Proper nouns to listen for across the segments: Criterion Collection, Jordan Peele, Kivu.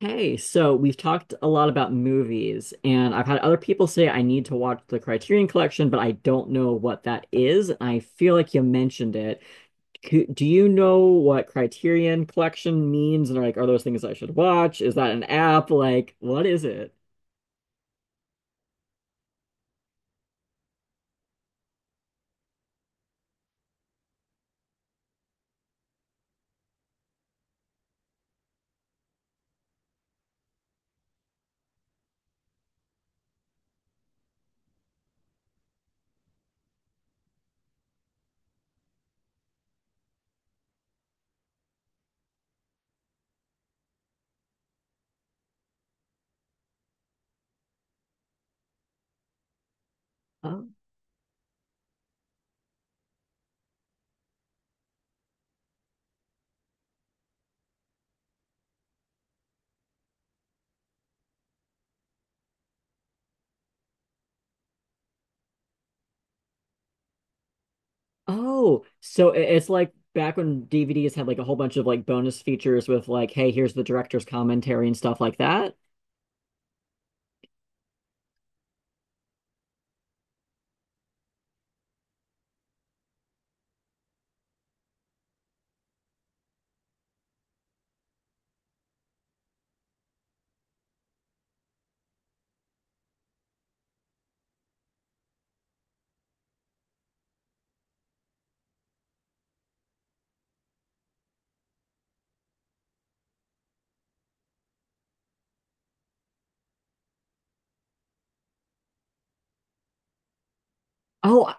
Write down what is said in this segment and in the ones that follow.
Hey, so we've talked a lot about movies, and I've had other people say I need to watch the Criterion Collection, but I don't know what that is. I feel like you mentioned it. Do you know what Criterion Collection means? And are like, are those things I should watch? Is that an app? Like, what is it? Oh, it's like back when DVDs had like a whole bunch of like bonus features with like, hey, here's the director's commentary and stuff like that. Oh,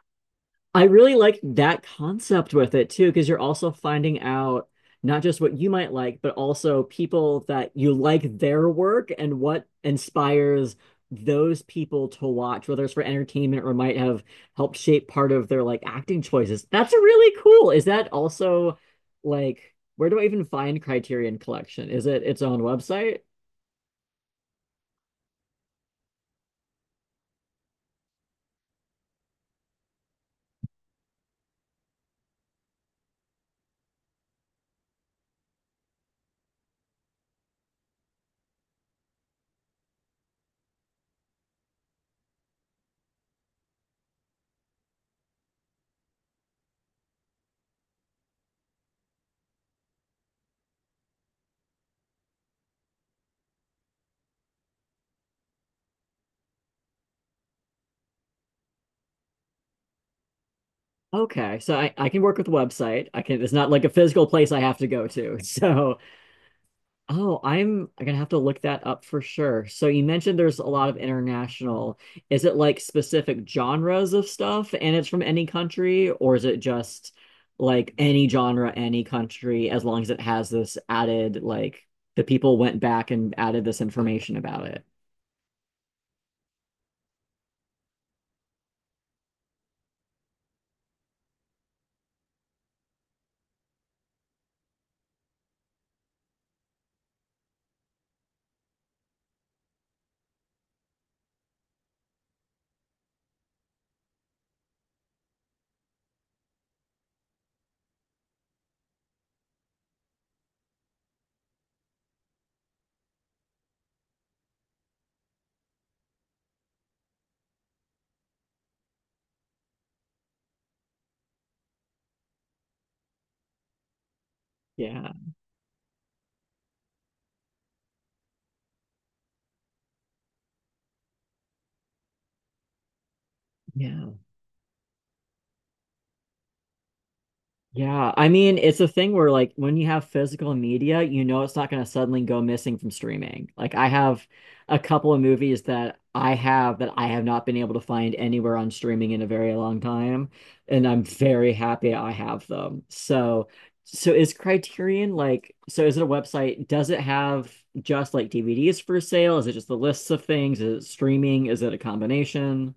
I really like that concept with it too, because you're also finding out not just what you might like, but also people that you like their work and what inspires those people to watch, whether it's for entertainment or might have helped shape part of their like acting choices. That's really cool. Is that also like where do I even find Criterion Collection? Is it its own website? Okay, so I can work with the website. I can, it's not like a physical place I have to go to. So oh, I'm gonna have to look that up for sure. So you mentioned there's a lot of international. Is it like specific genres of stuff and it's from any country, or is it just like any genre, any country, as long as it has this added, like the people went back and added this information about it? Yeah. Yeah. Yeah, I mean, it's a thing where like when you have physical media, you know it's not going to suddenly go missing from streaming. Like I have a couple of movies that I have not been able to find anywhere on streaming in a very long time, and I'm very happy I have them. So, so is Criterion like, so is it a website? Does it have just like DVDs for sale? Is it just the lists of things? Is it streaming? Is it a combination?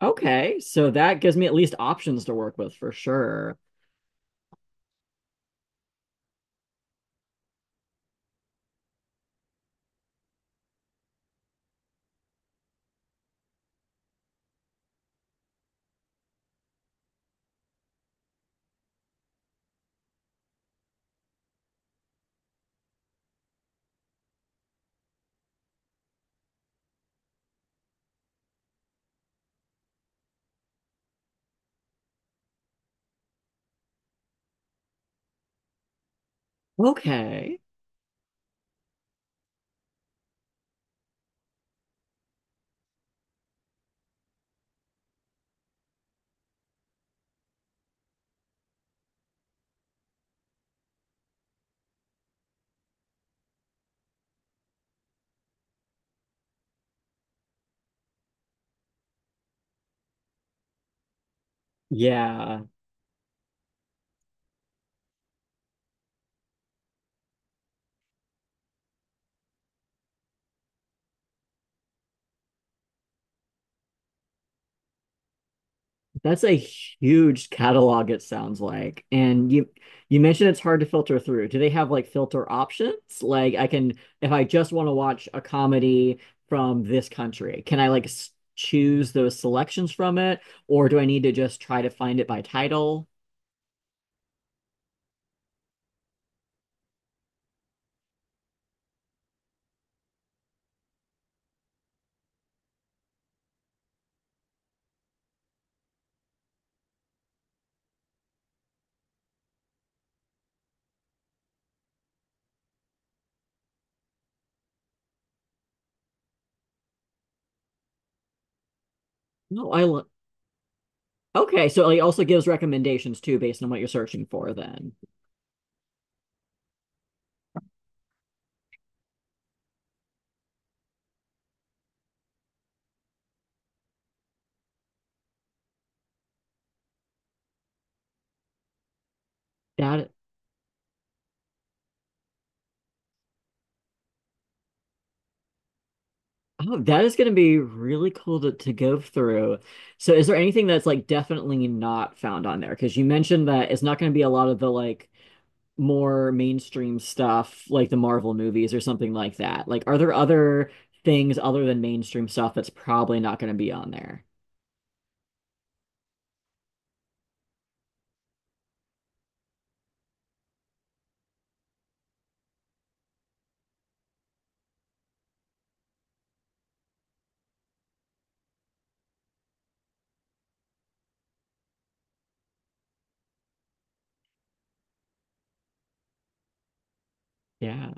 Okay, so that gives me at least options to work with for sure. Okay. Yeah. That's a huge catalog, it sounds like. And you mentioned it's hard to filter through. Do they have like filter options? Like I can, if I just want to watch a comedy from this country, can I like s choose those selections from it, or do I need to just try to find it by title? No, I lo- Okay, so it also gives recommendations too based on what you're searching for then. That Oh, that is going to be really cool to go through. So, is there anything that's like definitely not found on there? Because you mentioned that it's not going to be a lot of the like more mainstream stuff, like the Marvel movies or something like that. Like, are there other things other than mainstream stuff that's probably not going to be on there? Yeah.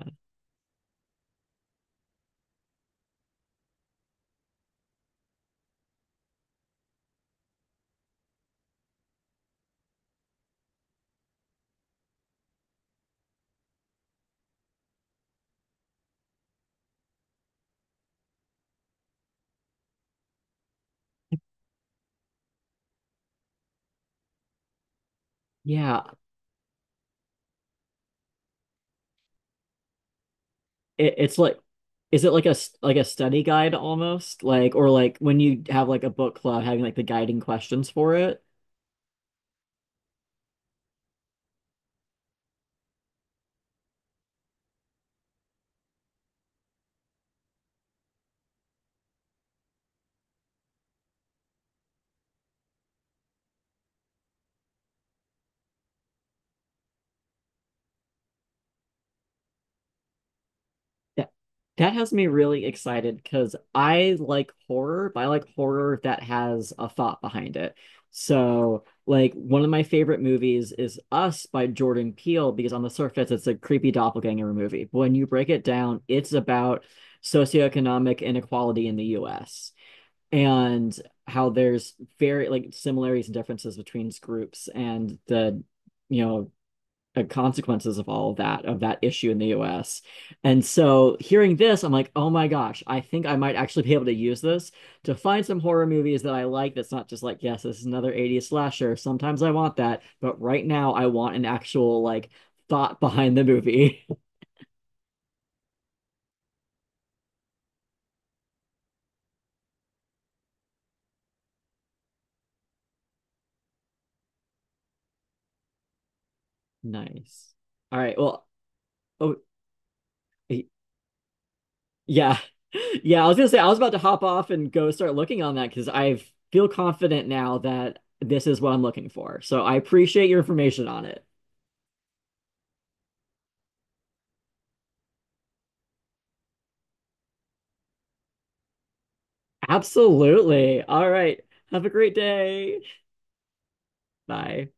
Yeah. It, it's like, is it like a like a study guide almost? Like, or like when you have like a book club having like the guiding questions for it? That that has me really excited because I like horror, but I like horror that has a thought behind it. So, like one of my favorite movies is Us by Jordan Peele because on the surface it's a creepy doppelganger movie. But when you break it down, it's about socioeconomic inequality in the US, and how there's very like similarities and differences between groups and the you know consequences of all of that issue in the US. And so hearing this, I'm like, oh my gosh, I think I might actually be able to use this to find some horror movies that I like. That's not just like, yes, this is another 80s slasher. Sometimes I want that, but right now I want an actual like thought behind the movie. Nice. All right. Well, oh yeah. Yeah, I was gonna say I was about to hop off and go start looking on that because I feel confident now that this is what I'm looking for. So I appreciate your information on it. Absolutely. All right. Have a great day. Bye.